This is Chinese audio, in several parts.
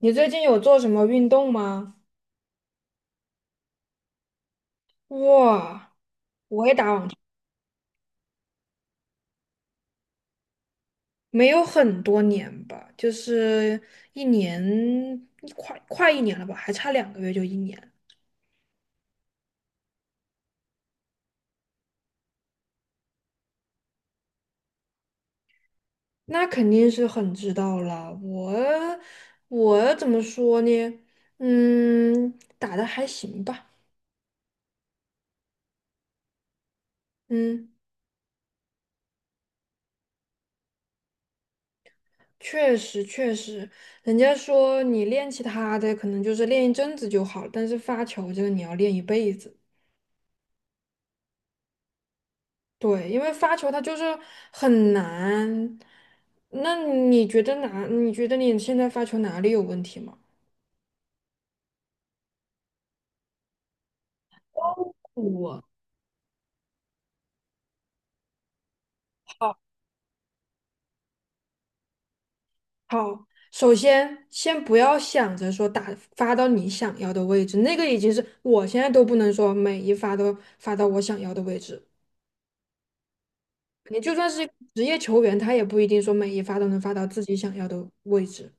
你最近有做什么运动吗？哇，我也打网球，没有很多年吧，就是一年，快一年了吧，还差两个月就一年，那肯定是很知道了。我怎么说呢？嗯，打的还行吧。嗯，确实确实，人家说你练其他的可能就是练一阵子就好了，但是发球这个你要练一辈子。对，因为发球它就是很难。那你觉得哪？你觉得你现在发球哪里有问题吗？我好，好，首先先不要想着说打发到你想要的位置，那个已经是我现在都不能说每一发都发到我想要的位置。你就算是一个职业球员，他也不一定说每一发都能发到自己想要的位置。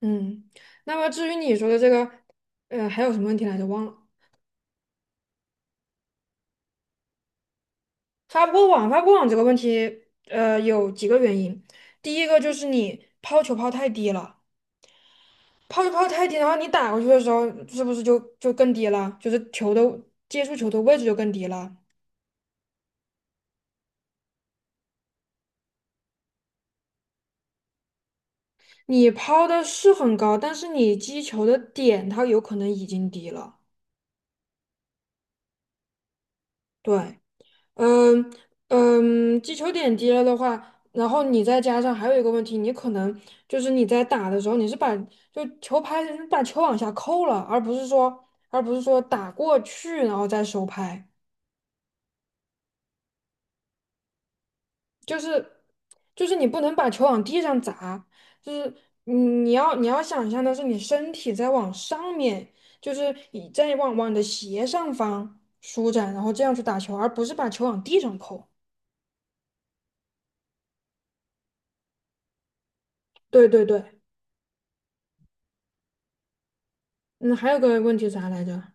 嗯，那么至于你说的这个，还有什么问题来着？忘了。发不过网这个问题，有几个原因。第一个就是你抛球抛太低了，抛球抛太低的话，你打过去的时候，是不是就更低了？就是接触球的位置就更低了。你抛的是很高，但是你击球的点它有可能已经低了。对。嗯嗯，击球点低了的话，然后你再加上还有一个问题，你可能就是你在打的时候，你是把就球拍你把球往下扣了，而不是说打过去然后再收拍，就是就是你不能把球往地上砸，就是你要想象的是你身体在往上面，就是你在往你的斜上方舒展，然后这样去打球，而不是把球往地上扣。对对对，嗯，还有个问题啥来着？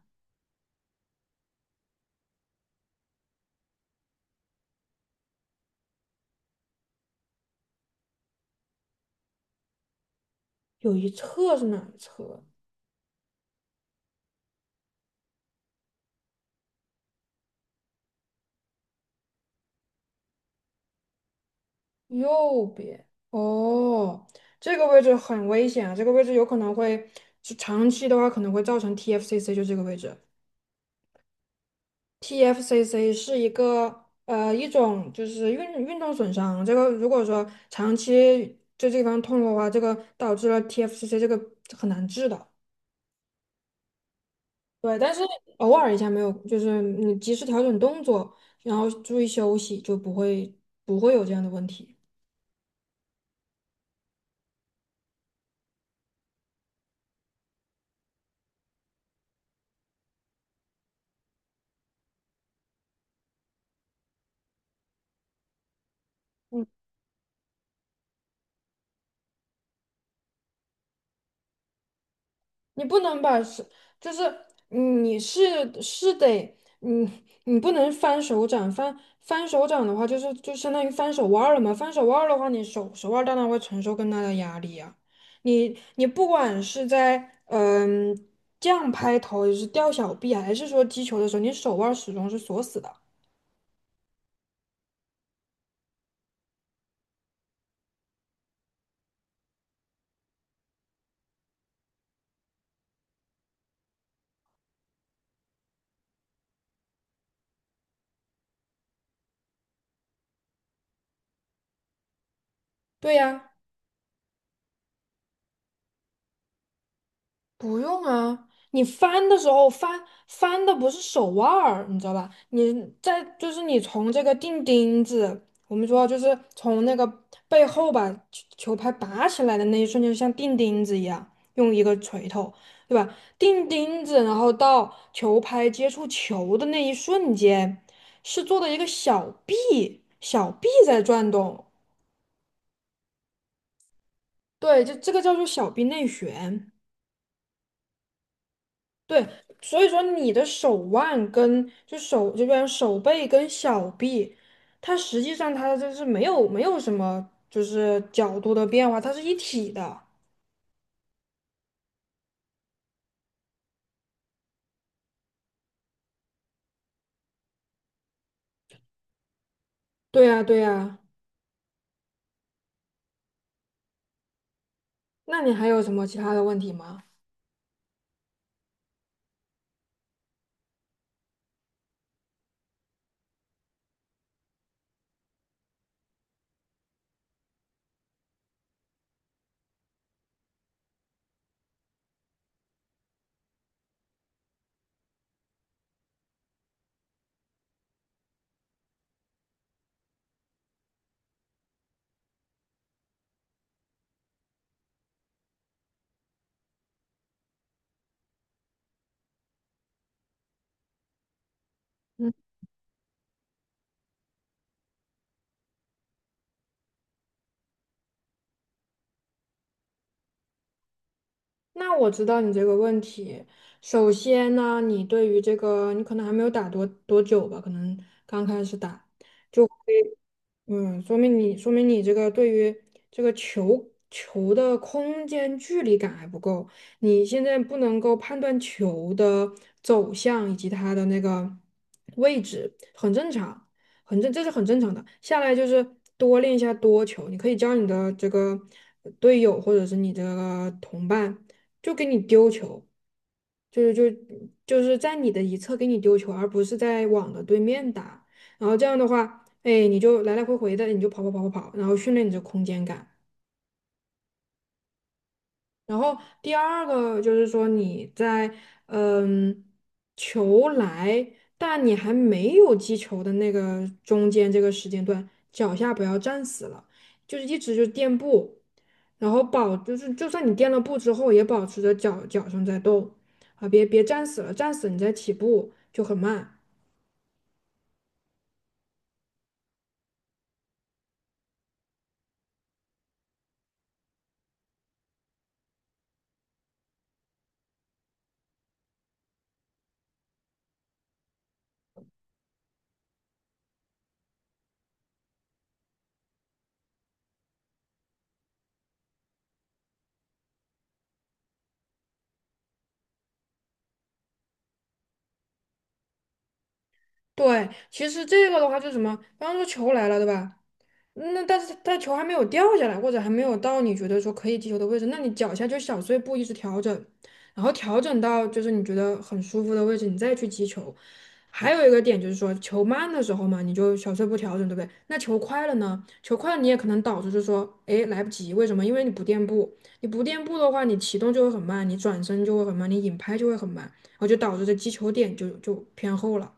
有一侧是哪一侧？右边。哦，这个位置很危险啊！这个位置有可能会，就长期的话可能会造成 TFCC，就这个位置。TFCC 是一种就是运动损伤，这个如果说长期就这个地方痛的话，这个导致了 TFCC 这个很难治的。对，但是偶尔一下没有，就是你及时调整动作，然后注意休息，就不会有这样的问题。嗯。你不能把是，就是你是是得，嗯，你不能翻手掌，翻手掌的话，就是就相当于翻手腕儿了嘛。翻手腕儿的话，你手腕儿当然会承受更大的压力呀、你不管是在这样拍头，也是吊小臂啊，还是说击球的时候，你手腕儿始终是锁死的。对呀、不用啊，你翻的时候翻的不是手腕儿，你知道吧？你在就是你从这个钉钉子，我们说就是从那个背后把球拍拔起来的那一瞬间，就像钉钉子一样，用一个锤头，对吧？钉钉子，然后到球拍接触球的那一瞬间，是做的一个小臂，小臂在转动，对，就这个叫做小臂内旋。对，所以说你的手腕跟就手这边手背跟小臂，它实际上它就是没有什么就是角度的变化，它是一体的。对呀，对呀。那你还有什么其他的问题吗？嗯，那我知道你这个问题。首先呢，你对于这个你可能还没有打多久吧，可能刚开始打。就嗯，说明你这个对于这个球的空间距离感还不够，你现在不能够判断球的走向以及它的那个位置，很正常，这是很正常的。下来就是多练一下多球，你可以教你的这个队友或者是你的同伴，就给你丢球，就是就就是在你的一侧给你丢球，而不是在网的对面打。然后这样的话。哎，你就来来回回的，你就跑跑跑跑跑，然后训练你的空间感。然后第二个就是说你在嗯球来，但你还没有击球的那个中间这个时间段，脚下不要站死了，就是一直就垫步，然后就是就算你垫了步之后，也保持着脚上在动啊，别站死了，站死你再起步就很慢。对，其实这个的话就是什么？比方说球来了，对吧？那但是它球还没有掉下来，或者还没有到你觉得说可以击球的位置，那你脚下就小碎步一直调整，然后调整到就是你觉得很舒服的位置，你再去击球。还有一个点就是说，球慢的时候嘛，你就小碎步调整，对不对？那球快了呢？球快了你也可能导致就是说，哎，来不及，为什么？因为你不垫步，你不垫步的话，你启动就会很慢，你转身就会很慢，你引拍就会很慢，然后就导致这击球点就偏后了。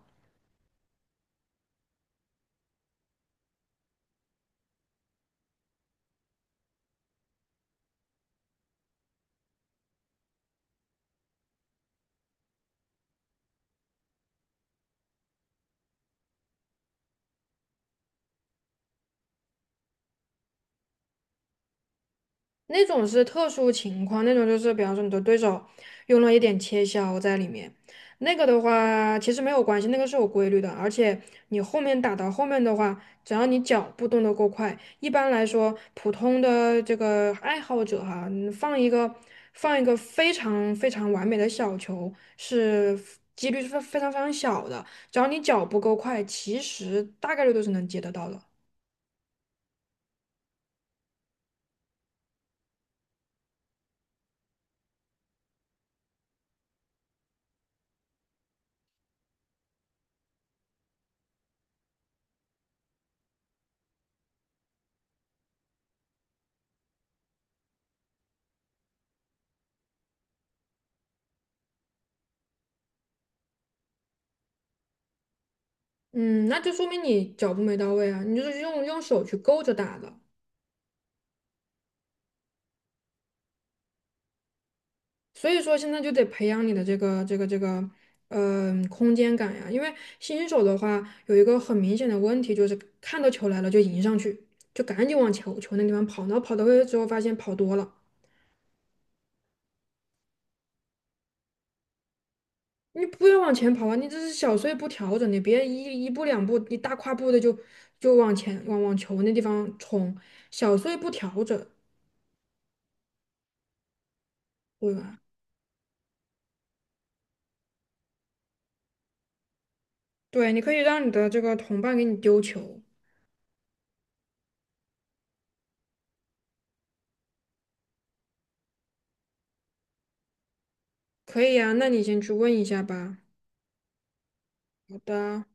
那种是特殊情况，那种就是比方说你的对手用了一点切削在里面，那个的话其实没有关系，那个是有规律的，而且你后面打到后面的话，只要你脚步动得够快，一般来说普通的这个爱好者哈，你放一个非常非常完美的小球是几率是非常非常小的，只要你脚步够快，其实大概率都是能接得到的。嗯，那就说明你脚步没到位啊，你就是用手去勾着打的，所以说现在就得培养你的这个，空间感呀，因为新手的话有一个很明显的问题就是看到球来了就迎上去，就赶紧往球那地方跑，然后跑到位之后发现跑多了，你不要往前跑啊，你这是小碎步调整，你别一步两步，你大跨步的就往前往球那地方冲，小碎步调整，对吧？对，你可以让你的这个同伴给你丢球。可以啊，那你先去问一下吧。好的。